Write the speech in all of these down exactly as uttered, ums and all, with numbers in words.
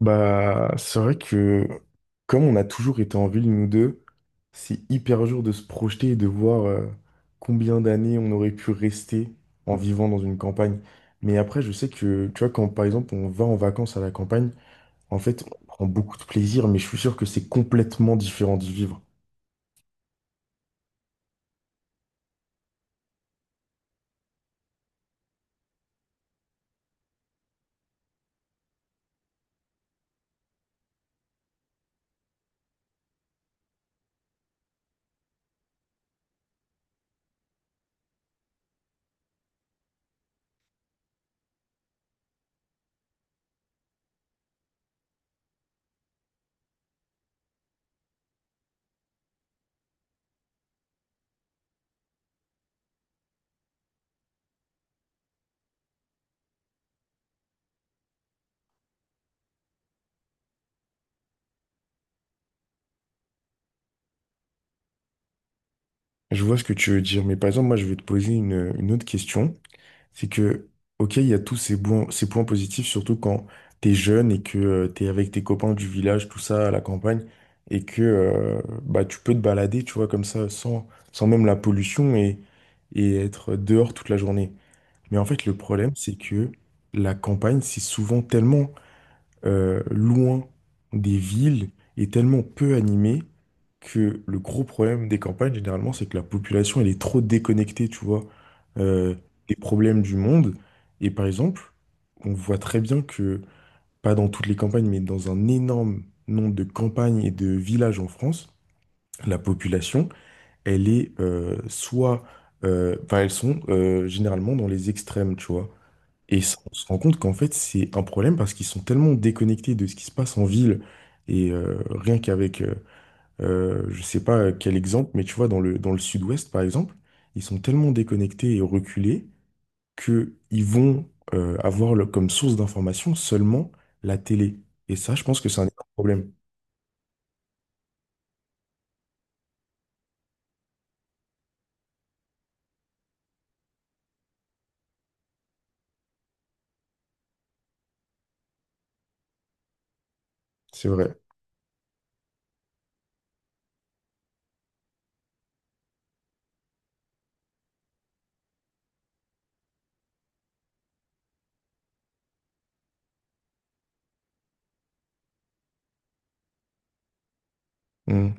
Bah, c'est vrai que comme on a toujours été en ville, nous deux, c'est hyper dur de se projeter et de voir euh, combien d'années on aurait pu rester en vivant dans une campagne. Mais après, je sais que, tu vois, quand par exemple on va en vacances à la campagne, en fait, on prend beaucoup de plaisir, mais je suis sûr que c'est complètement différent d'y vivre. Je vois ce que tu veux dire, mais par exemple, moi, je vais te poser une, une autre question. C'est que, ok, il y a tous ces bons- ces points positifs, surtout quand t'es jeune et que tu t'es avec tes copains du village, tout ça, à la campagne, et que euh, bah, tu peux te balader, tu vois, comme ça, sans, sans même la pollution et, et être dehors toute la journée. Mais en fait, le problème, c'est que la campagne, c'est souvent tellement euh, loin des villes et tellement peu animée que le gros problème des campagnes, généralement, c'est que la population, elle est trop déconnectée, tu vois, euh, des problèmes du monde. Et par exemple, on voit très bien que, pas dans toutes les campagnes, mais dans un énorme nombre de campagnes et de villages en France, la population, elle est euh, soit... euh, enfin, elles sont euh, généralement dans les extrêmes, tu vois. Et ça, on se rend compte qu'en fait, c'est un problème parce qu'ils sont tellement déconnectés de ce qui se passe en ville. Et euh, rien qu'avec, euh, euh, je sais pas quel exemple, mais tu vois, dans le, dans le sud-ouest, par exemple, ils sont tellement déconnectés et reculés qu'ils vont euh, avoir le- comme source d'information seulement la télé. Et ça, je pense que c'est un énorme problème. C'est vrai. Mmh.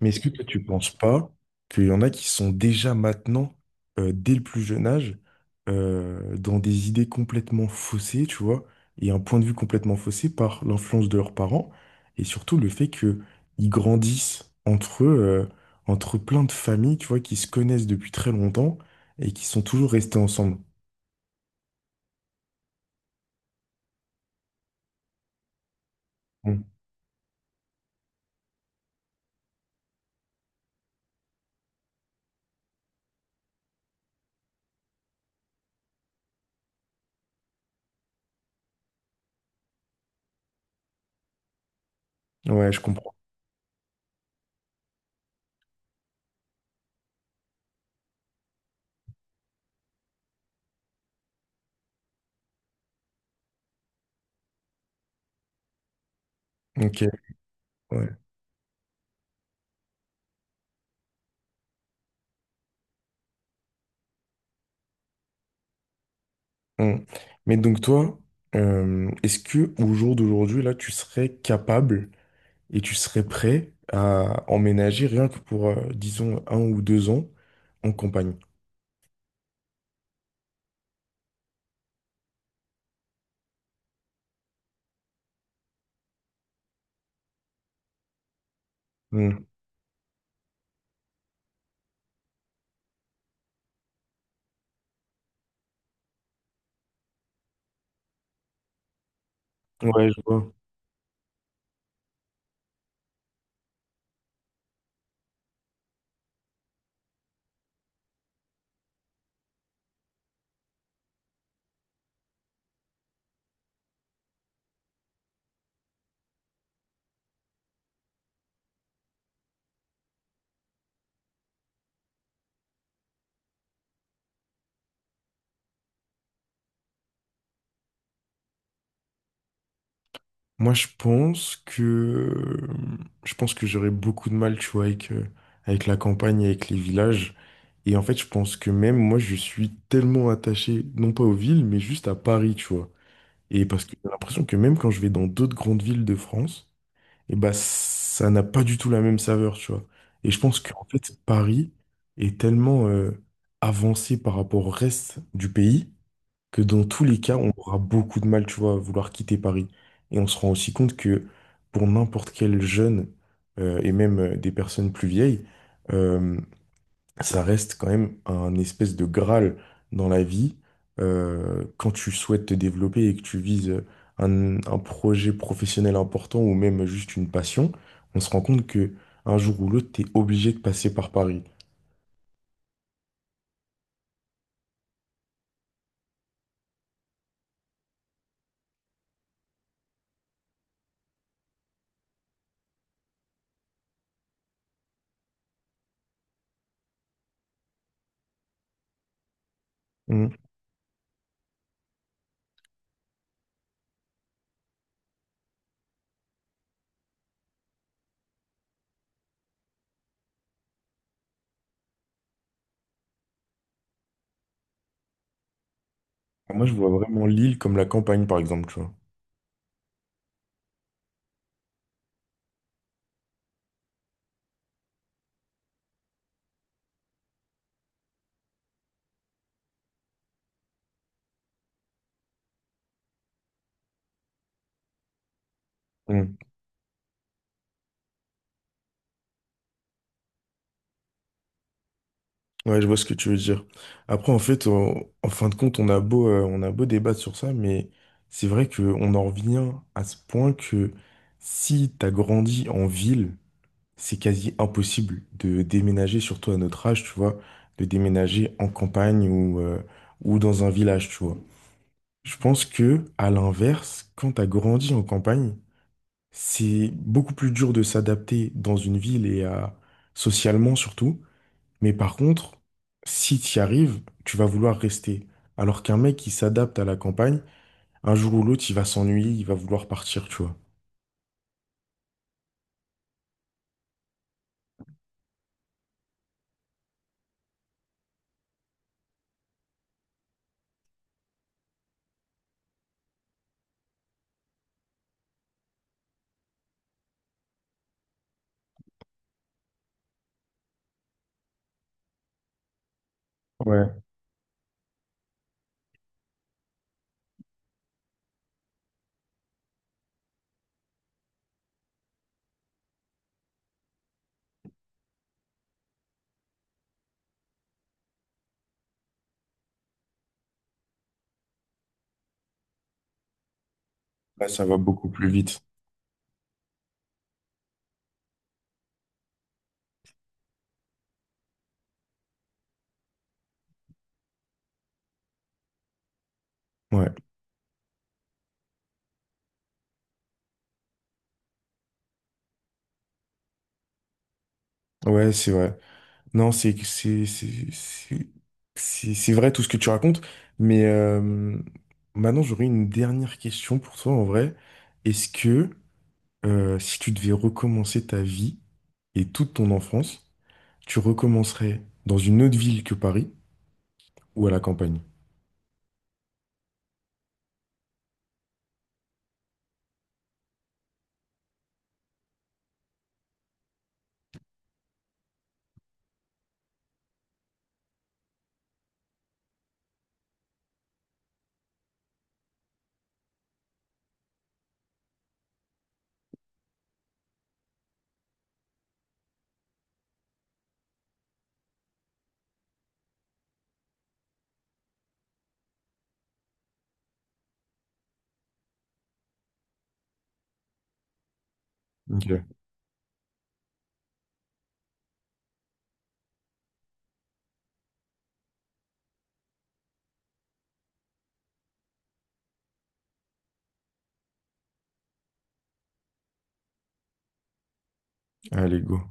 Mais est-ce que toi, tu penses pas qu'il y en a qui sont déjà maintenant, euh, dès le plus jeune âge, euh, dans des idées complètement faussées, tu vois, et un point de vue complètement faussé par l'influence de leurs parents, et surtout le fait que ils grandissent entre eux, euh, entre plein de familles, tu vois, qui se connaissent depuis très longtemps et qui sont toujours restées ensemble. Mm. Ouais, je comprends. Ok, ouais. Mm. Mais donc toi, euh, est-ce que au jour d'aujourd'hui, là, tu serais capable et tu serais prêt à emménager rien que pour, euh, disons, un ou deux ans en campagne. Hmm. Ouais, je vois. Moi, je pense que je pense que j'aurais beaucoup de mal, tu vois, avec, euh, avec la campagne, avec les villages. Et en fait, je pense que même moi, je suis tellement attaché, non pas aux villes, mais juste à Paris, tu vois. Et parce que j'ai l'impression que même quand je vais dans d'autres grandes villes de France, et bah ça n'a pas du tout la même saveur, tu vois. Et je pense qu'en fait, Paris est tellement euh, avancé par rapport au reste du pays que dans tous les cas, on aura beaucoup de mal, tu vois, à vouloir quitter Paris. Et on se rend aussi compte que pour n'importe quel jeune euh, et même euh, des personnes plus vieilles, ça reste quand même un espèce de graal dans la vie. Euh, quand tu souhaites te développer et que tu vises un, un projet professionnel important ou même juste une passion, on se rend compte que un jour ou l'autre, tu es obligé de passer par Paris. Mm. Moi, je vois vraiment l'île comme la campagne, par exemple, tu vois. Mm. Ouais, je vois ce que tu veux dire. Après, en fait, on- en fin de compte, on a beau, euh, on a beau débattre sur ça, mais c'est vrai qu'on en revient à ce point que si tu as grandi en ville, c'est quasi impossible de déménager, surtout à notre âge, tu vois, de déménager en campagne ou, euh, ou dans un village, tu vois. Je pense que, à l'inverse, quand t'as grandi en campagne, c'est beaucoup plus dur de s'adapter dans une ville et à, socialement surtout. Mais par contre, si t'y arrives, tu vas vouloir rester. Alors qu'un mec qui s'adapte à la campagne, un jour ou l'autre, il va s'ennuyer, il va vouloir partir, tu vois. Ouais. Là, ça va beaucoup plus vite. Ouais, ouais, c'est vrai. Non, c'est c'est c'est c'est c'est- c'est vrai tout ce que tu racontes, mais euh, maintenant j'aurais une dernière question pour toi en vrai. Est-ce que euh, si tu devais recommencer ta vie et toute ton enfance, tu recommencerais dans une autre ville que Paris ou à la campagne? Ok. Allez, go.